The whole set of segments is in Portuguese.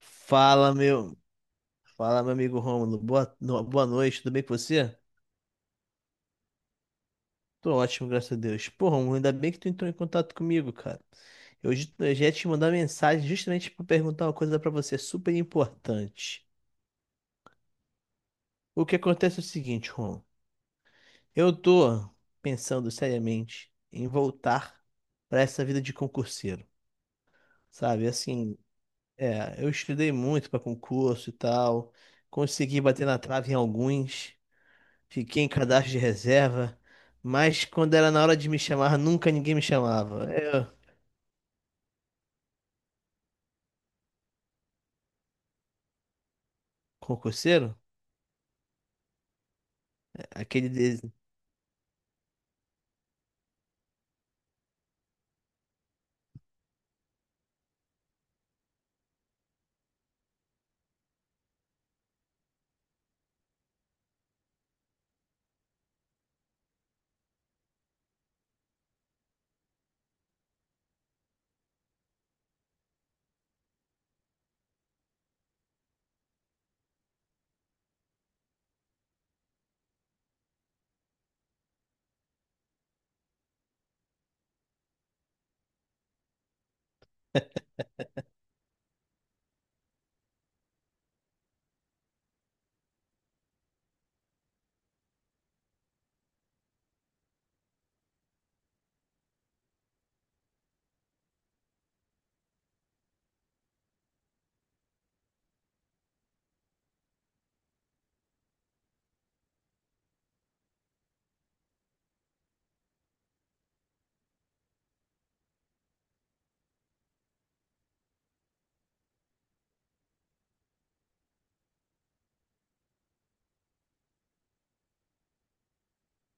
Fala, meu. Fala, meu amigo Rômulo. Boa, no- boa noite, tudo bem com você? Tô ótimo, graças a Deus. Pô, Rômulo, ainda bem que tu entrou em contato comigo, cara. Eu já ia te mandar mensagem justamente pra perguntar uma coisa pra você super importante. O que acontece é o seguinte, Rômulo. Eu tô pensando seriamente em voltar pra essa vida de concurseiro, sabe? Assim, eu estudei muito pra concurso e tal, consegui bater na trave em alguns. Fiquei em cadastro de reserva, mas quando era na hora de me chamar, nunca ninguém me chamava. Eu, concurseiro? Aquele de.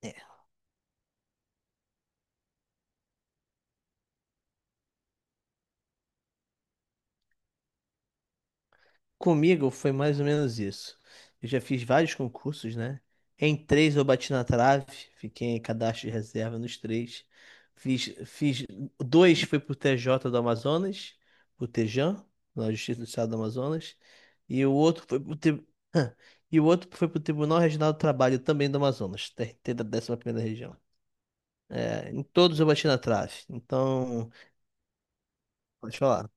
é, Comigo foi mais ou menos isso. Eu já fiz vários concursos, né? Em três eu bati na trave, fiquei em cadastro de reserva nos três. Fiz dois foi pro TJ do Amazonas, o Tejan, na Justiça do Estado do Amazonas, e o outro foi pro tri- e o outro foi pro Tribunal Regional do Trabalho também do Amazonas, TRT da 11ª região. É, em todos eu bati na trave. Então, pode falar.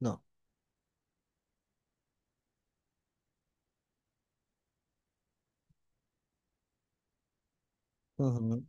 Não. Uhum.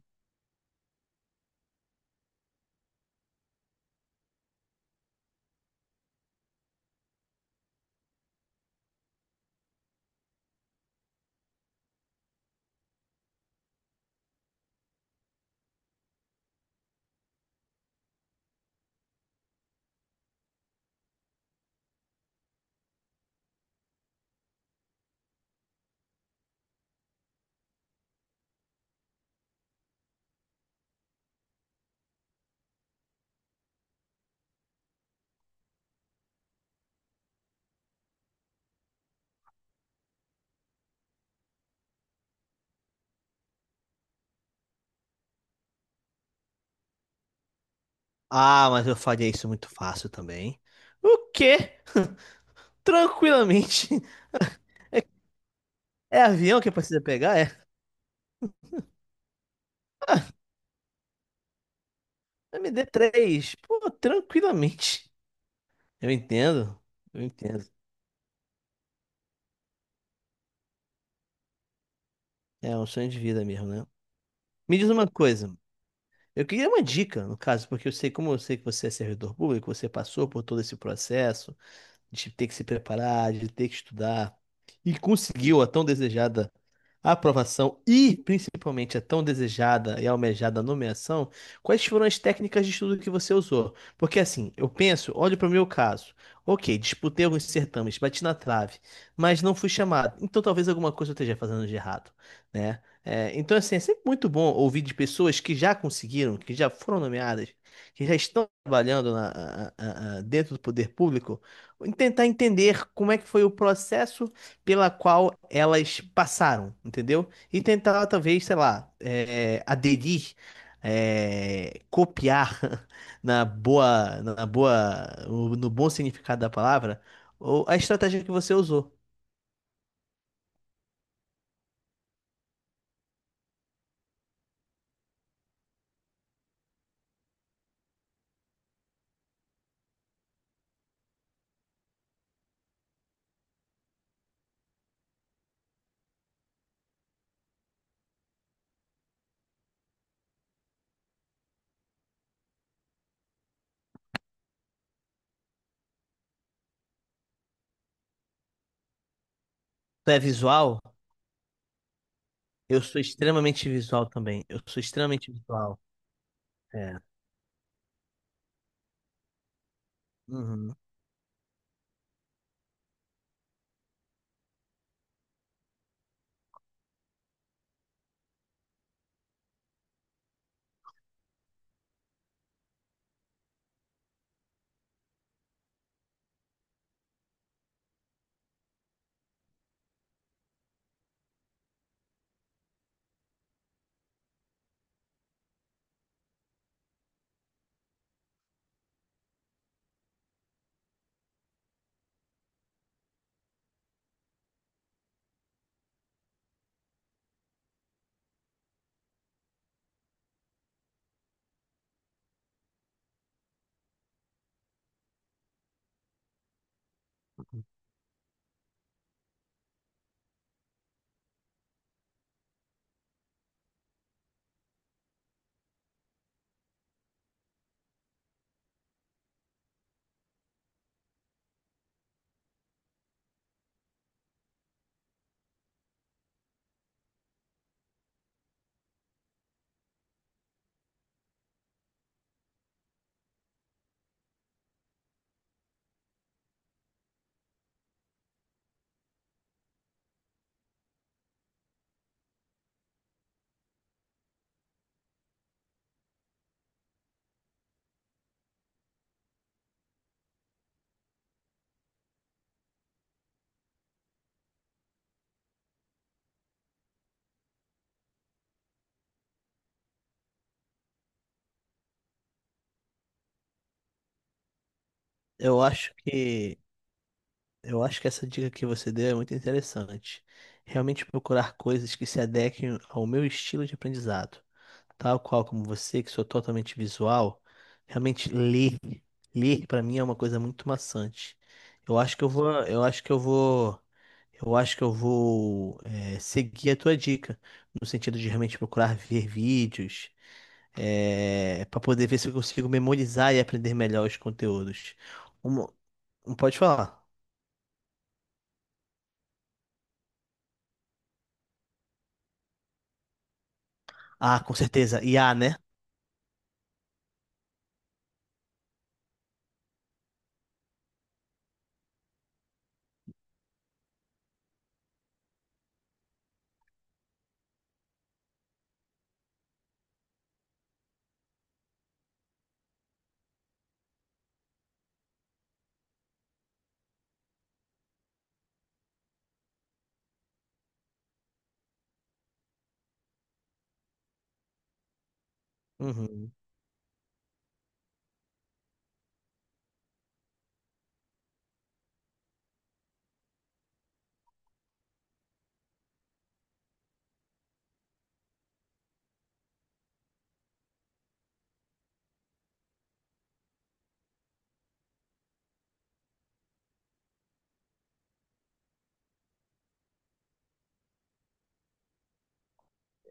Ah, mas eu faria isso muito fácil também. O quê? Tranquilamente. É avião que precisa pegar? É. md três. Pô, tranquilamente. Eu entendo. Eu entendo. É um sonho de vida mesmo, né? Me diz uma coisa. Eu queria uma dica, no caso, porque eu sei, como eu sei que você é servidor público, você passou por todo esse processo de ter que se preparar, de ter que estudar e conseguiu a tão desejada a aprovação e, principalmente, a tão desejada e almejada nomeação, quais foram as técnicas de estudo que você usou? Porque assim, eu penso, olho para o meu caso. Ok, disputei alguns certames, bati na trave, mas não fui chamado. Então talvez alguma coisa eu esteja fazendo de errado, né? É, então, assim, é sempre muito bom ouvir de pessoas que já conseguiram, que já foram nomeadas, que já estão trabalhando dentro do poder público, tentar entender como é que foi o processo pela qual elas passaram, entendeu? E tentar, talvez, sei lá, aderir, copiar na boa, no bom significado da palavra, ou a estratégia que você usou. Tu é visual? Eu sou extremamente visual também. Eu sou extremamente visual. É. Uhum. Eu acho que eu acho que essa dica que você deu é muito interessante. Realmente procurar coisas que se adequem ao meu estilo de aprendizado. Tal qual como você, que sou totalmente visual, realmente ler, ler para mim é uma coisa muito maçante. Eu acho que eu vou seguir a tua dica, no sentido de realmente procurar ver vídeos, é, para poder ver se eu consigo memorizar e aprender melhor os conteúdos. Um, pode falar. Ah, com certeza. IA, né? Uhum.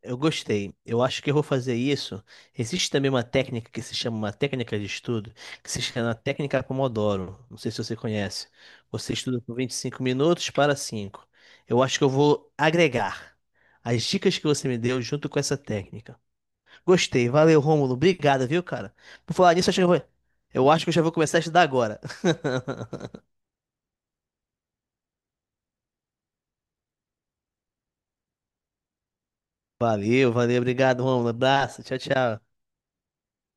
Eu gostei. Eu acho que eu vou fazer isso. Existe também uma técnica que se chama uma técnica de estudo, que se chama técnica Pomodoro. Não sei se você conhece. Você estuda por 25 minutos para 5. Eu acho que eu vou agregar as dicas que você me deu junto com essa técnica. Gostei. Valeu, Rômulo. Obrigado, viu, cara? Por falar nisso, acho que eu vou... eu acho que eu já vou começar a estudar agora. Valeu, valeu. Obrigado, Rômulo. Abraço. Tchau, tchau.